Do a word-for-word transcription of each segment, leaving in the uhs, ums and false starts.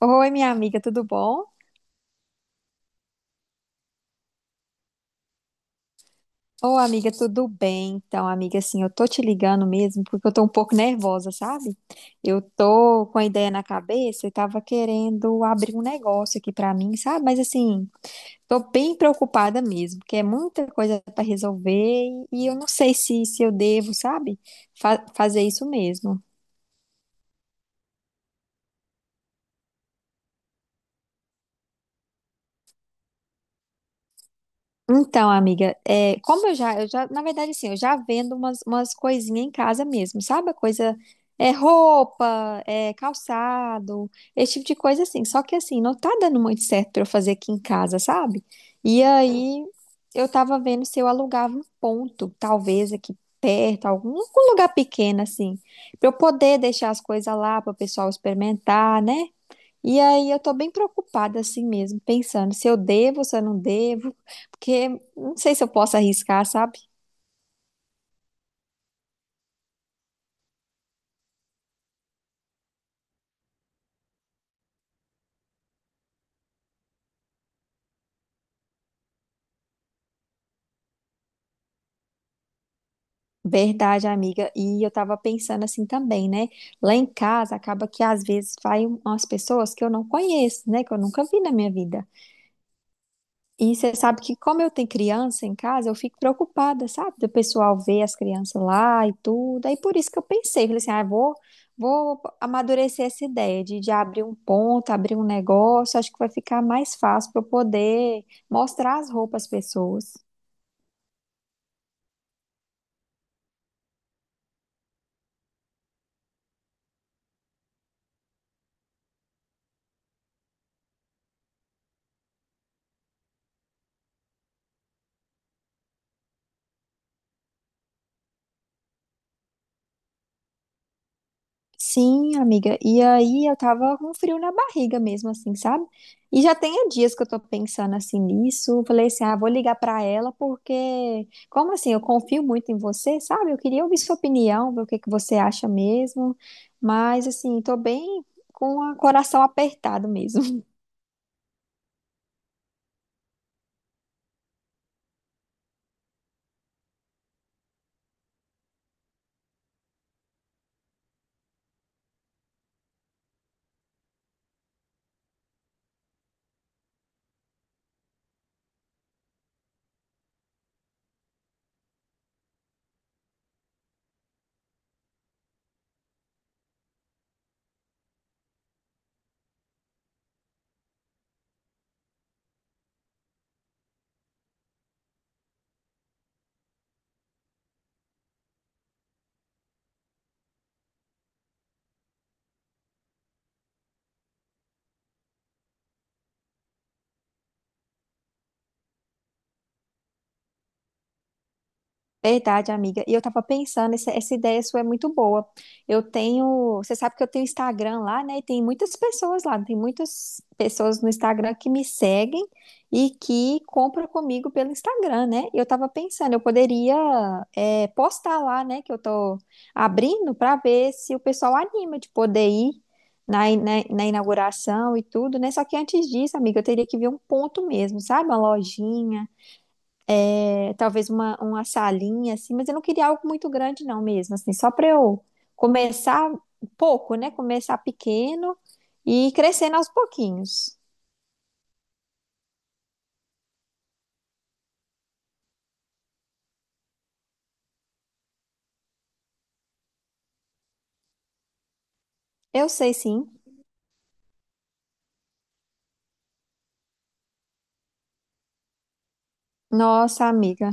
Oi, minha amiga, tudo bom? Ô, amiga, tudo bem? Então, amiga, assim, eu tô te ligando mesmo porque eu tô um pouco nervosa, sabe? Eu tô com a ideia na cabeça e tava querendo abrir um negócio aqui pra mim, sabe? Mas, assim, tô bem preocupada mesmo, porque é muita coisa pra resolver e eu não sei se, se eu devo, sabe? Fa- fazer isso mesmo. Então, amiga, é, como eu já, eu já, na verdade, assim, eu já vendo umas, umas coisinhas em casa mesmo, sabe? A coisa é roupa, é calçado, esse tipo de coisa assim. Só que assim, não tá dando muito certo pra eu fazer aqui em casa, sabe? E aí, eu tava vendo se eu alugava um ponto, talvez aqui perto, algum, algum lugar pequeno, assim, pra eu poder deixar as coisas lá, para o pessoal experimentar, né? E aí eu tô bem preocupada assim mesmo, pensando se eu devo, se eu não devo, porque não sei se eu posso arriscar, sabe? Verdade, amiga. E eu tava pensando assim também, né? Lá em casa acaba que às vezes vai um, umas pessoas que eu não conheço, né? Que eu nunca vi na minha vida. E você sabe que, como eu tenho criança em casa, eu fico preocupada, sabe? Do pessoal ver as crianças lá e tudo. Aí por isso que eu pensei, falei assim, ah, eu vou, vou amadurecer essa ideia de, de abrir um ponto, abrir um negócio. Acho que vai ficar mais fácil para eu poder mostrar as roupas às pessoas. Sim, amiga. E aí eu tava com frio na barriga mesmo, assim, sabe? E já tem dias que eu tô pensando assim nisso. Eu falei assim, ah, vou ligar pra ela porque, como assim, eu confio muito em você, sabe? Eu queria ouvir sua opinião, ver o que que você acha mesmo. Mas assim, tô bem com o coração apertado mesmo. Verdade, amiga. E eu tava pensando, essa, essa ideia sua é muito boa. Eu tenho, você sabe que eu tenho Instagram lá, né? E tem muitas pessoas lá, tem muitas pessoas no Instagram que me seguem e que compram comigo pelo Instagram, né? E eu tava pensando, eu poderia, é, postar lá, né? Que eu tô abrindo para ver se o pessoal anima de poder ir na, in- na, na inauguração e tudo, né? Só que antes disso, amiga, eu teria que ver um ponto mesmo, sabe? Uma lojinha é, talvez uma, uma salinha, assim, mas eu não queria algo muito grande, não, mesmo, assim, só para eu começar pouco, né? Começar pequeno e ir crescendo aos pouquinhos. Eu sei, sim. Nossa, amiga.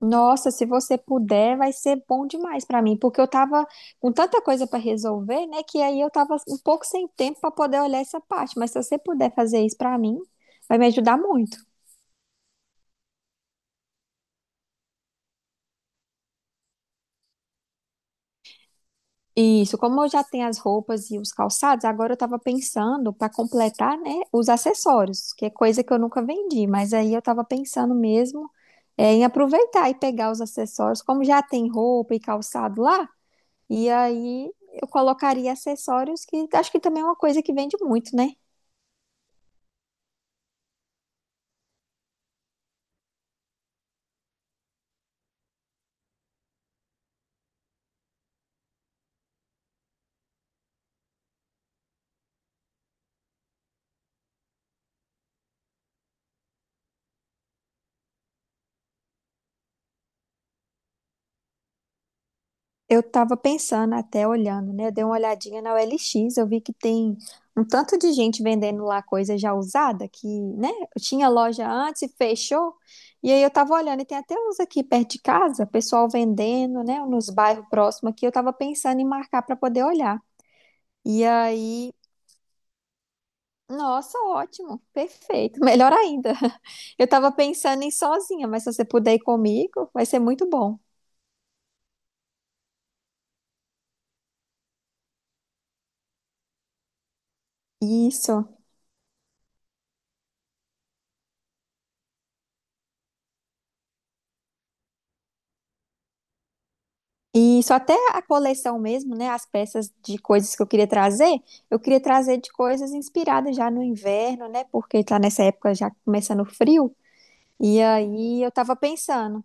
Nossa, se você puder, vai ser bom demais para mim, porque eu tava com tanta coisa para resolver, né? Que aí eu tava um pouco sem tempo para poder olhar essa parte. Mas se você puder fazer isso para mim, vai me ajudar muito. Isso, como eu já tenho as roupas e os calçados, agora eu estava pensando para completar, né, os acessórios, que é coisa que eu nunca vendi, mas aí eu estava pensando mesmo é, em aproveitar e pegar os acessórios, como já tem roupa e calçado lá, e aí eu colocaria acessórios que acho que também é uma coisa que vende muito, né? Eu estava pensando até olhando, né? Eu dei uma olhadinha na O L X, eu vi que tem um tanto de gente vendendo lá coisa já usada, que, né? Eu tinha loja antes e fechou. E aí eu tava olhando, e tem até uns aqui perto de casa, pessoal vendendo, né? Nos bairros próximos aqui, eu tava pensando em marcar para poder olhar. E aí, nossa, ótimo, perfeito, melhor ainda. Eu tava pensando em ir sozinha, mas se você puder ir comigo, vai ser muito bom. Isso. E isso, até a coleção mesmo, né? As peças de coisas que eu queria trazer, eu queria trazer de coisas inspiradas já no inverno, né? Porque tá nessa época já começando o frio. E aí eu tava pensando,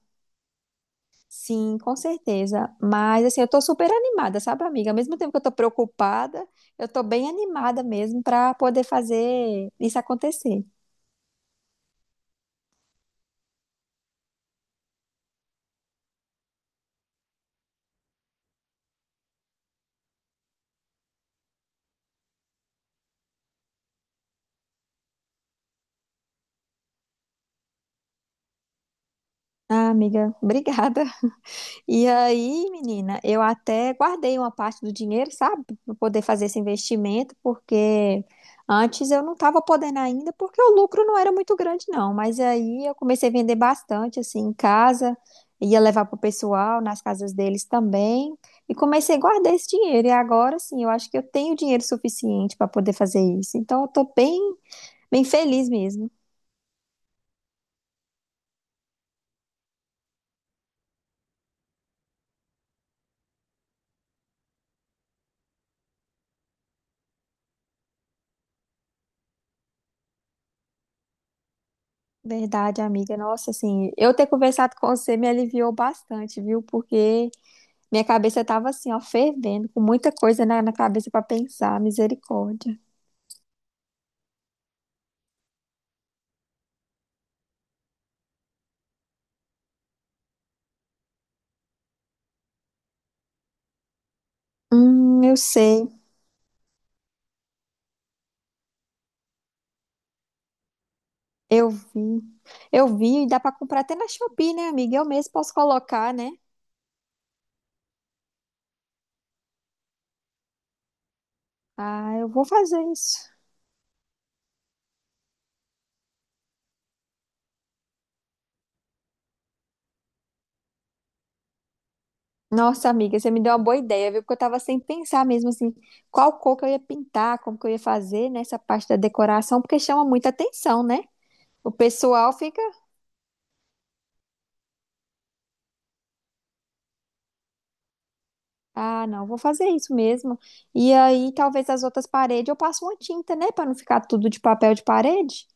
sim, com certeza. Mas assim, eu tô super animada, sabe, amiga? Ao mesmo tempo que eu tô preocupada, eu tô bem animada mesmo pra poder fazer isso acontecer. Ah, amiga, obrigada. E aí, menina, eu até guardei uma parte do dinheiro, sabe, para poder fazer esse investimento, porque antes eu não estava podendo ainda, porque o lucro não era muito grande, não. Mas aí eu comecei a vender bastante, assim, em casa, ia levar para o pessoal, nas casas deles também, e comecei a guardar esse dinheiro. E agora, sim, eu acho que eu tenho dinheiro suficiente para poder fazer isso. Então, eu tô bem, bem feliz mesmo. Verdade, amiga. Nossa, assim, eu ter conversado com você me aliviou bastante, viu? Porque minha cabeça tava assim, ó, fervendo, com muita coisa na, na cabeça pra pensar, misericórdia. Hum, eu sei, eu vi. Eu vi e dá pra comprar até na Shopee, né, amiga? Eu mesmo posso colocar, né? Ah, eu vou fazer isso. Nossa, amiga, você me deu uma boa ideia, viu? Porque eu tava sem pensar mesmo, assim, qual cor que eu ia pintar, como que eu ia fazer nessa parte da decoração, porque chama muita atenção, né? O pessoal fica. Ah, não, vou fazer isso mesmo. E aí, talvez as outras paredes eu passo uma tinta, né? Pra não ficar tudo de papel de parede.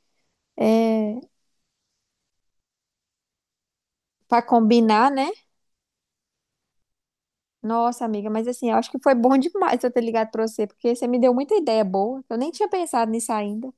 Pra combinar, né? Nossa, amiga, mas assim, eu acho que foi bom demais eu ter ligado pra você, porque você me deu muita ideia boa. Eu nem tinha pensado nisso ainda.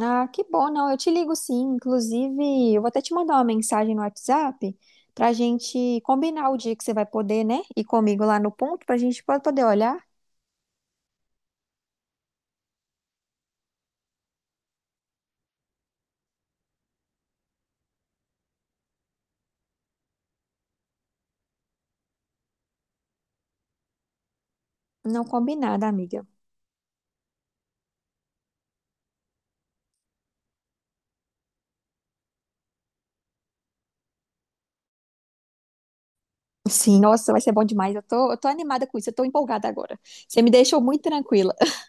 Ah, que bom, não. Eu te ligo sim. Inclusive, eu vou até te mandar uma mensagem no WhatsApp pra gente combinar o dia que você vai poder, né? Ir comigo lá no ponto pra gente poder olhar. Não, combinado, amiga. Sim, nossa, vai ser bom demais. Eu tô, eu tô animada com isso, eu tô empolgada agora. Você me deixou muito tranquila.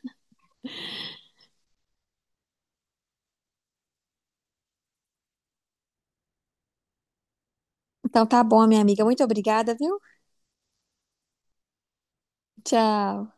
Então tá bom, minha amiga. Muito obrigada, viu? Tchau.